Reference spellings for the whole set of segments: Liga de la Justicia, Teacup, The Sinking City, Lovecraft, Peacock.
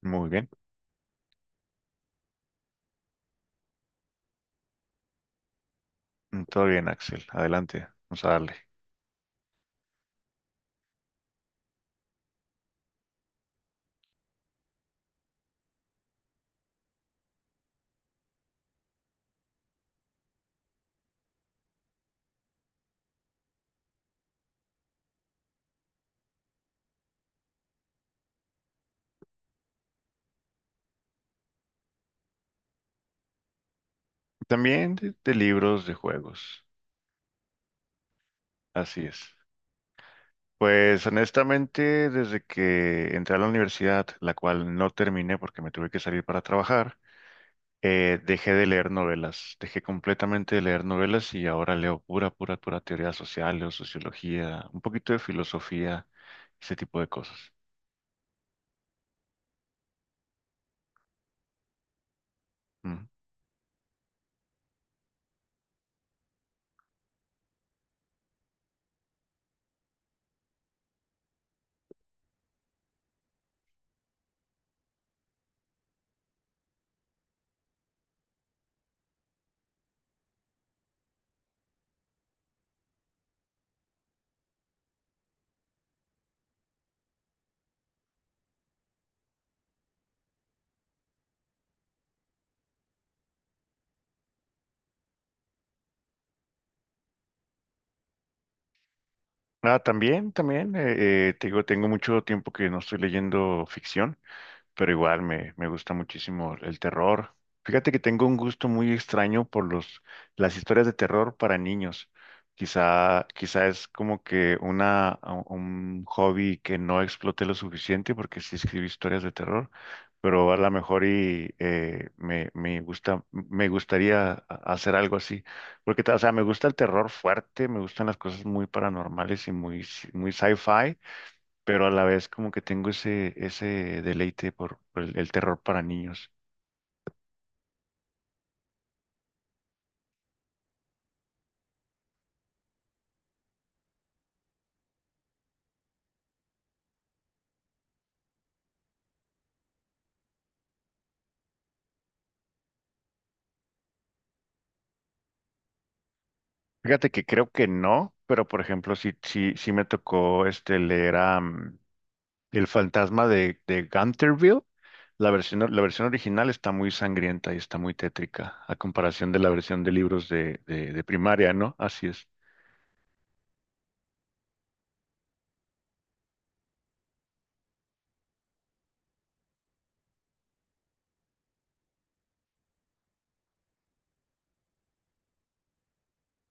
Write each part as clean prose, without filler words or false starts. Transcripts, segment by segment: Muy bien, todo bien, Axel. Adelante, vamos a darle. También de libros de juegos. Así es. Pues honestamente, desde que entré a la universidad, la cual no terminé porque me tuve que salir para trabajar, dejé de leer novelas. Dejé completamente de leer novelas y ahora leo pura teoría social, o sociología, un poquito de filosofía, ese tipo de cosas. Ujú. Ah, también, también, te digo, tengo mucho tiempo que no estoy leyendo ficción. Pero igual me gusta muchísimo el terror. Fíjate que tengo un gusto muy extraño por las historias de terror para niños. Quizá es como que un hobby que no exploté lo suficiente porque sí escribí historias de terror, pero a lo mejor me gusta, me gustaría hacer algo así. Porque, o sea, me gusta el terror fuerte, me gustan las cosas muy paranormales y muy, muy sci-fi, pero a la vez como que tengo ese deleite por el terror para niños. Fíjate que creo que no, pero por ejemplo, sí me tocó este leer El fantasma de Gunterville. La versión original está muy sangrienta y está muy tétrica, a comparación de la versión de libros de primaria, ¿no? Así es.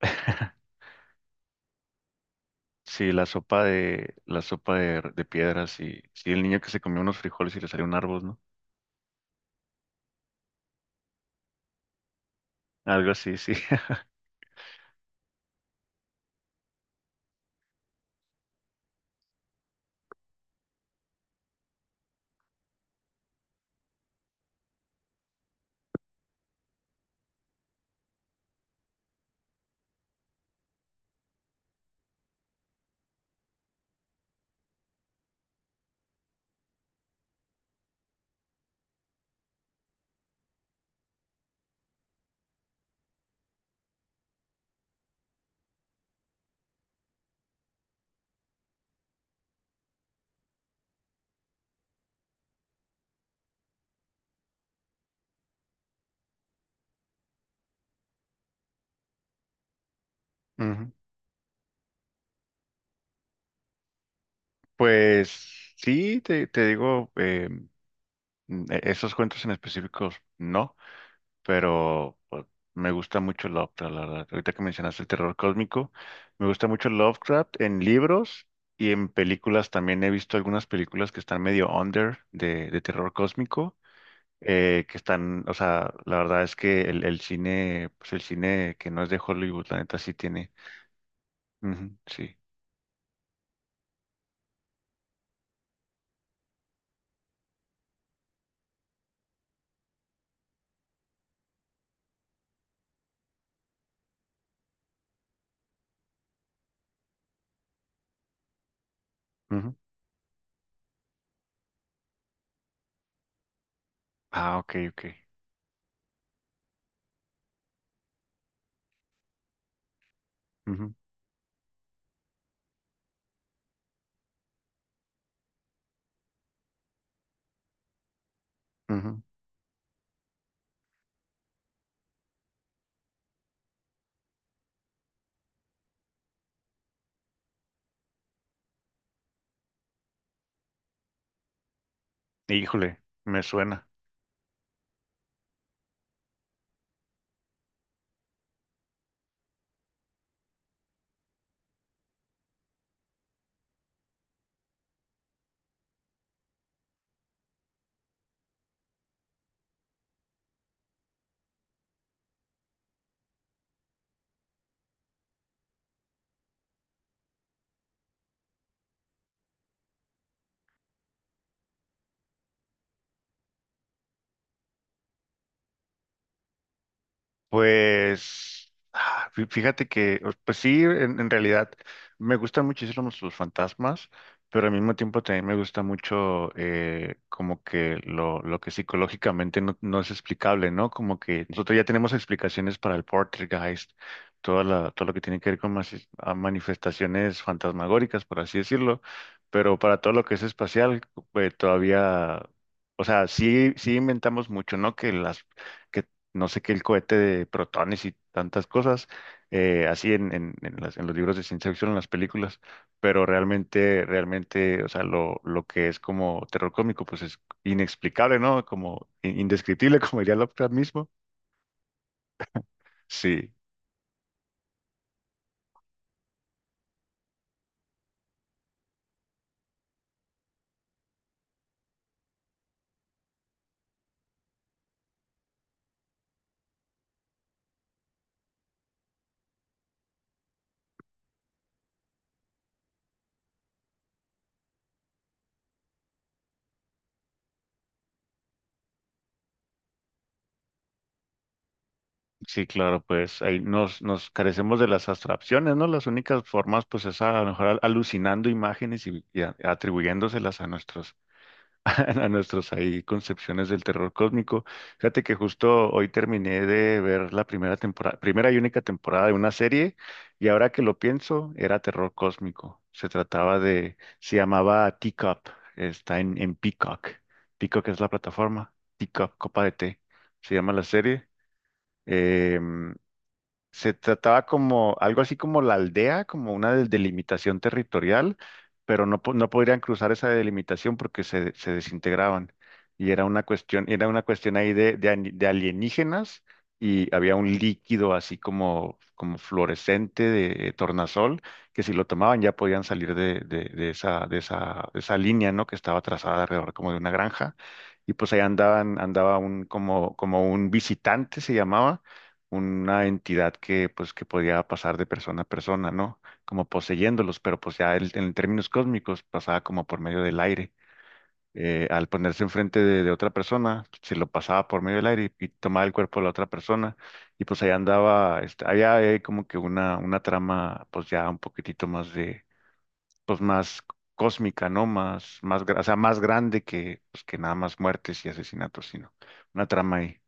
Sí, la sopa la sopa de piedras y sí, el niño que se comió unos frijoles y le salió un árbol, ¿no? Algo así, sí. Ujú. Pues sí, te digo, esos cuentos en específicos no, pero pues, me gusta mucho Lovecraft, la verdad. Ahorita que mencionaste el terror cósmico, me gusta mucho Lovecraft en libros y en películas. También he visto algunas películas que están medio under de terror cósmico, que están, o sea, la verdad es que el cine, pues el cine que no es de Hollywood, la neta sí tiene. Ujú, sí. Ujú. Ah, ok, ok. Ujú, ujú. Híjole, me suena. Pues fíjate que, pues sí, en realidad me gustan muchísimo los fantasmas, pero al mismo tiempo también me gusta mucho, como que lo que psicológicamente no, no es explicable, ¿no? Como que nosotros ya tenemos explicaciones para el poltergeist, toda todo lo que tiene que ver con mas- a manifestaciones fantasmagóricas, por así decirlo, pero para todo lo que es espacial, pues todavía, o sea, sí, sí inventamos mucho, ¿no? Que las… que no sé qué, el cohete de protones y tantas cosas, así en las- en los libros de ciencia ficción, en las películas, pero realmente, realmente, o sea, lo que es como terror cómico, pues es inexplicable, ¿no? Como indescriptible, como diría Lovecraft mismo. Sí, sí, claro, pues ahí nos carecemos de las abstracciones, ¿no? Las únicas formas, pues es a lo mejor alucinando imágenes y atribuyéndoselas a nuestros a nuestros ahí concepciones del terror cósmico. Fíjate que justo hoy terminé de ver la primera temporada, primera y única temporada de una serie, y ahora que lo pienso, era terror cósmico. Se trataba de, se llamaba Teacup, está en Peacock. Peacock es la plataforma, Teacup, copa de té, se llama la serie. Em, se trataba como algo así como la aldea, como una delimitación territorial, pero no, no podrían cruzar esa delimitación porque se desintegraban. Y era una cuestión ahí de, de alienígenas y había un líquido así como, como fluorescente de tornasol que si lo tomaban ya podían salir de esa, de esa, de esa línea, ¿no? Que estaba trazada alrededor como de una granja. Y pues ahí andaban, andaba un, como, como un visitante se llamaba una entidad que pues que podía pasar de persona a persona, ¿no? Como poseyéndolos, pero pues ya él, en términos cósmicos pasaba como por medio del aire. Al ponerse enfrente de otra persona, se lo pasaba por medio del aire y tomaba el cuerpo de la otra persona y pues ahí andaba, este, había como que una trama pues ya un poquitito más de, pues más cósmica, ¿no? Más, más, o sea, más grande que, pues, que nada más muertes y asesinatos, sino una trama ahí.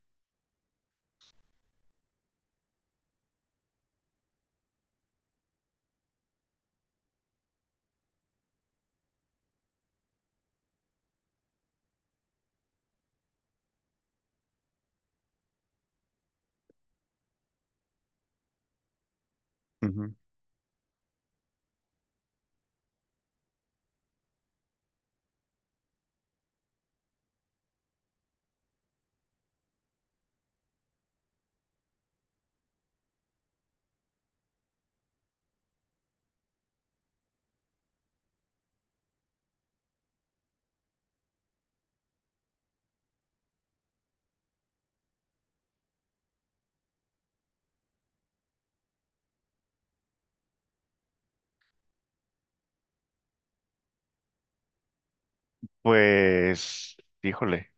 Ujú. Pues, híjole.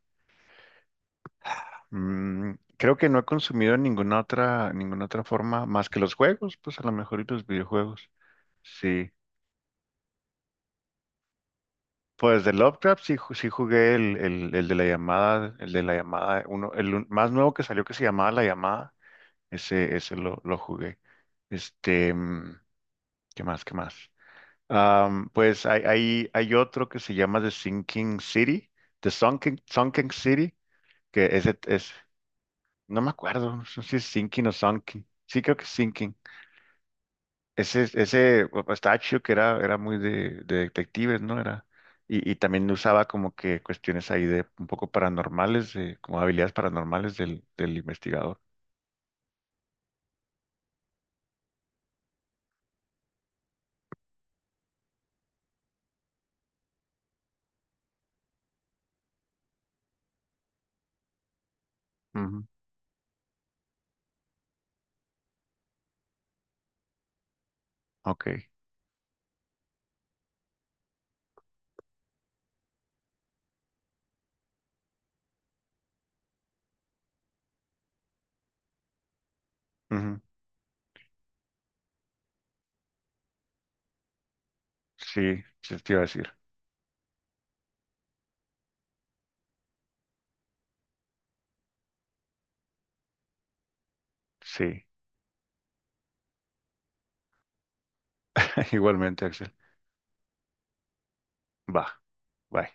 Mm, creo que no he consumido ninguna otra forma más que los juegos, pues a lo mejor y los videojuegos. Sí. Pues de Lovecraft sí, sí jugué el de la llamada, el de la llamada, uno, más nuevo que salió que se llamaba La Llamada, ese lo jugué. Este, mm, ¿qué más? ¿Qué más? Am, pues hay, hay otro que se llama The Sinking City, The Sunken, Sunken City, que ese es, no me acuerdo, no sé si es Sinking o Sunken. Sí, creo que es Sinking. Ese Pistachio que era, era muy de detectives, ¿no? Era, y también usaba como que cuestiones ahí de un poco paranormales, de, como habilidades paranormales del, del investigador. Ujú, ok. Ujú. Sí, sí, te iba a decir. Sí, igualmente, Axel. Va, bye.